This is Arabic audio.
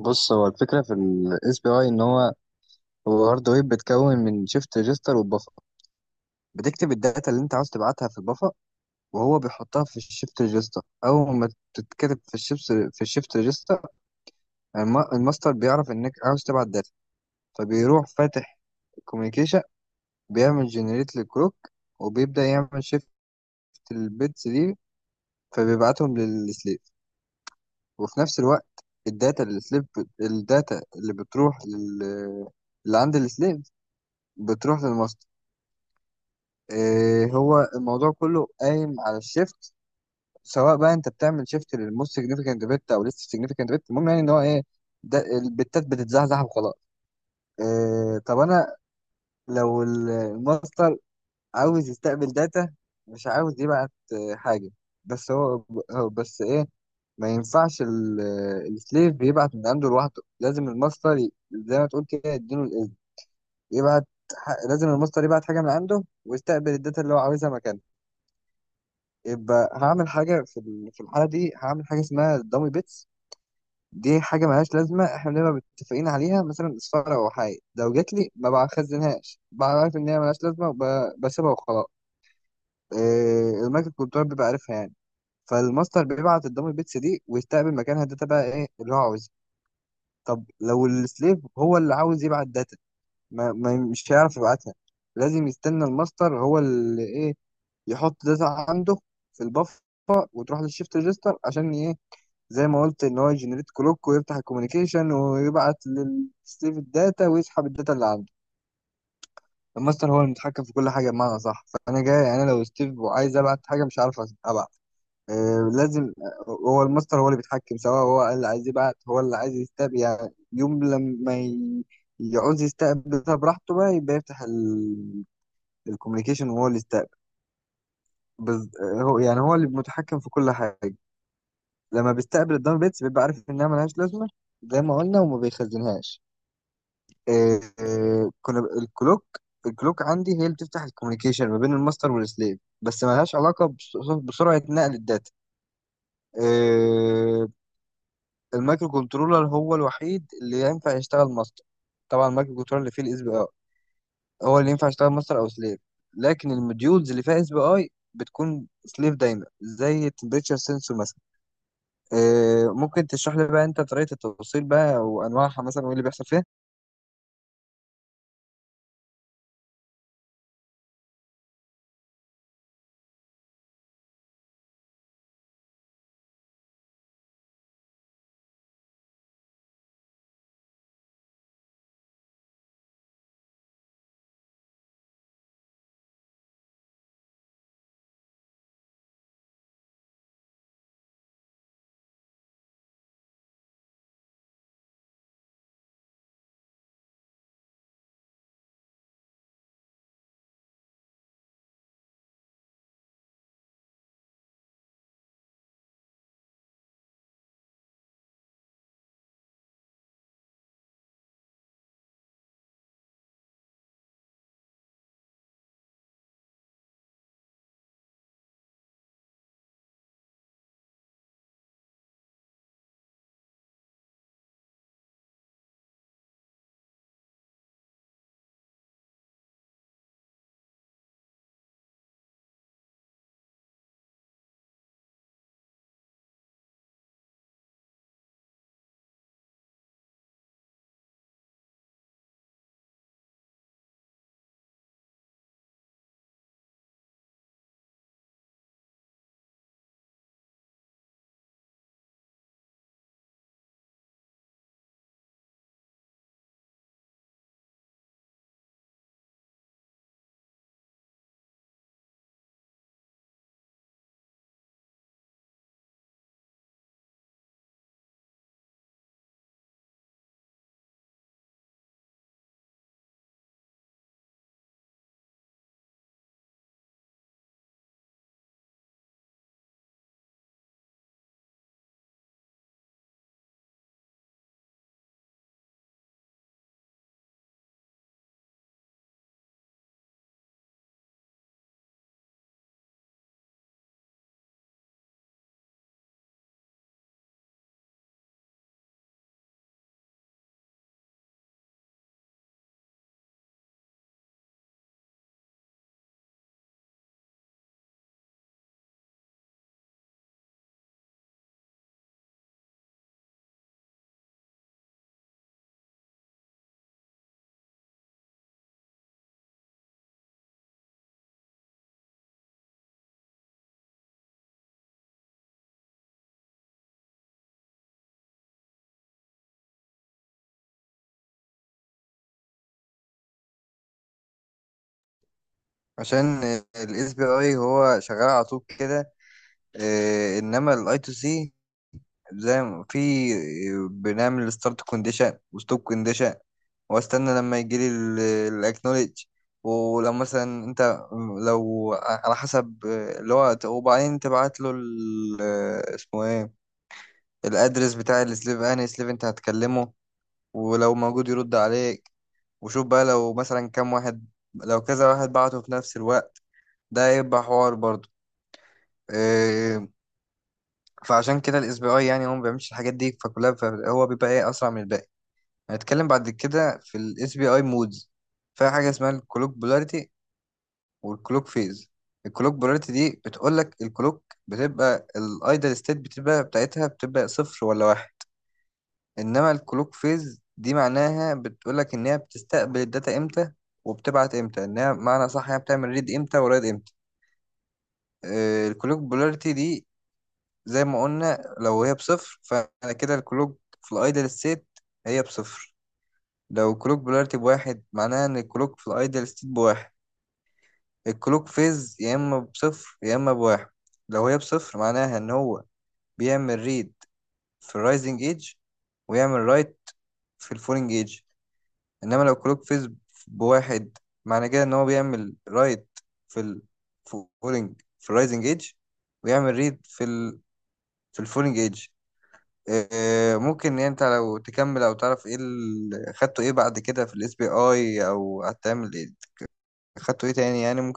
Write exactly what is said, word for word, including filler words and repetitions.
بص، هو الفكرة في ال S P I إن هو هو هارد ويب، بتكون من شيفت ريجستر والبفر. بتكتب الداتا اللي أنت عاوز تبعتها في البفر، وهو بيحطها في الشيفت ريجستر. أول ما تتكتب في الشيفت في الشيفت ريجستر، الم- الماستر بيعرف إنك عاوز تبعت داتا، فبيروح فاتح الكوميونيكيشن، بيعمل جنريت للكروك، وبيبدأ يعمل شيفت البيتس دي، فبيبعتهم للسليف. وفي نفس الوقت الداتا اللي السليف الداتا اللي بتروح لل اللي عند السليف بتروح للماستر. إيه، هو الموضوع كله قايم على الشيفت، سواء بقى انت بتعمل شيفت للموست سيجنيفيكانت بت او لسه سيجنيفيكانت بت، المهم يعني ان هو ايه؟ ده البتات بتتزحزح وخلاص. إيه، طب انا لو ال- الماستر عاوز يستقبل داتا، مش عاوز يبعت آه، حاجه، بس هو هو بس ايه؟ ما ينفعش ال- السليف بيبعت من عنده لوحده، لازم الماستر ي- زي ما تقول كده يديله الاذن يبعت. ح- لازم الماستر يبعت حاجه من عنده ويستقبل الداتا اللي هو عاوزها مكانه. يبقى هعمل حاجة في ال- في الحالة دي هعمل حاجة اسمها دامي بيتس. دي حاجة ملهاش لازمة، احنا بنبقى متفقين عليها، مثلا اصفارة أو حاجة، لو جات لي ما بخزنهاش، ببقى عارف إن هي ملهاش لازمة وبسيبها وخلاص. إيه، المايكرو كنترول بيبقى عارفها يعني. فالماستر بيبعت الدامي بيتس دي ويستقبل مكانها الداتا بقى إيه اللي هو عاوزها. طب لو السليف هو اللي عاوز يبعت داتا، ما ما- مش هيعرف يبعتها، لازم يستنى الماستر هو اللي إيه؟ يحط داتا عنده في البفر وتروح للشيفت ريجستر عشان إيه؟ زي ما قلت ان هو يجنريت كلوك ويفتح الكوميونيكيشن ويبعت لستيف الداتا ويسحب الداتا اللي عنده. الماستر هو المتحكم في كل حاجه، بمعنى صح؟ فانا جاي انا لو ستيف وعايز ابعت حاجه مش عارف أس- ابعت. آه لازم، هو الماستر هو اللي بيتحكم، سواء هو اللي عايز يبعت هو اللي عايز يستقبل. يعني يوم لما ي- يعوز يستقبل، ده براحته بقى يبقى يفتح الكوميونيكيشن وهو اللي يستقبل. بز... آه، هو يعني هو اللي متحكم في كل حاجه. لما بيستقبل الداون بيتس بيبقى عارف انها ملهاش لازمه زي ما قلنا، وما بيخزنهاش. آه، آه، كنا ب- الكلوك، الكلوك عندي هي اللي بتفتح الكوميونيكيشن ما بين الماستر والسليف، بس ما لهاش علاقه بس- بسرعه نقل الداتا. آه، المايكرو كنترولر هو الوحيد اللي ينفع يشتغل ماستر. طبعا المايكرو كنترولر اللي فيه الاس بي اي هو اللي ينفع يشتغل ماستر او سليف، لكن الموديولز اللي فيها اس بي اي بتكون سليف دايما، زي التمبريتشر سensor مثلا. آه، ممكن تشرح لي بقى انت طريقه التوصيل بقى وانواعها مثلا وايه اللي بيحصل فيها؟ عشان الاس بي اي هو شغال على طول كده، آه، انما الاي تو سي زي ما في، آه، بنعمل ستارت كونديشن وستوب كونديشن، واستنى لما يجي لي الاكنولج. ولو مثلا انت، لو على حسب، آه، اللي هو وبعدين تبعت له ال- آه، اسمه ايه، الادرس بتاع السليف انهي سليف انت هتكلمه، ولو موجود يرد عليك. وشوف بقى لو مثلا كام واحد، لو كذا واحد بعته في نفس الوقت، ده هيبقى حوار برضه. آه، فعشان كده الاس بي اي يعني هو ما بيعملش الحاجات دي فكلها، هو بيبقى ايه؟ اسرع من الباقي. هنتكلم بعد كده في الاس بي اي مودز، فيها حاجه اسمها الكلوك بولاريتي والكلوك فيز. الكلوك بولاريتي دي بتقول لك الكلوك بتبقى الايدل ستيت بتبقى بتاعتها بتبقى صفر ولا واحد، انما الكلوك فيز دي معناها بتقول لك ان هي بتستقبل الداتا امتى وبتبعت امتى، انها معنى صح هي بتعمل ريد امتى ورايد امتى. آه، الكلوك بولاريتي دي زي ما قلنا لو هي بصفر، فأنا كده الكلوك في الأيدل ستيت هي بصفر. لو كلوك بولاريتي بواحد معناها إن الكلوك في الأيدل ستيت بواحد. الكلوك فيز يا إما بصفر يا إما بواحد. لو هي بصفر معناها إن هو بيعمل ريد في الرايزنج ايدج، ويعمل رايت في الفولينج ايدج. إنما لو كلوك فيز بواحد، معنى كده إن هو بيعمل رايت في الفولينج في الرايزنج ايدج، ويعمل ريد في ال في الفولينج ايدج. آه، ممكن إن انت لو تكمل او تعرف ايه اللي خدته ايه بعد كده في الاس بي اي او هتعمل ايه؟ خدته ايه تاني يعني؟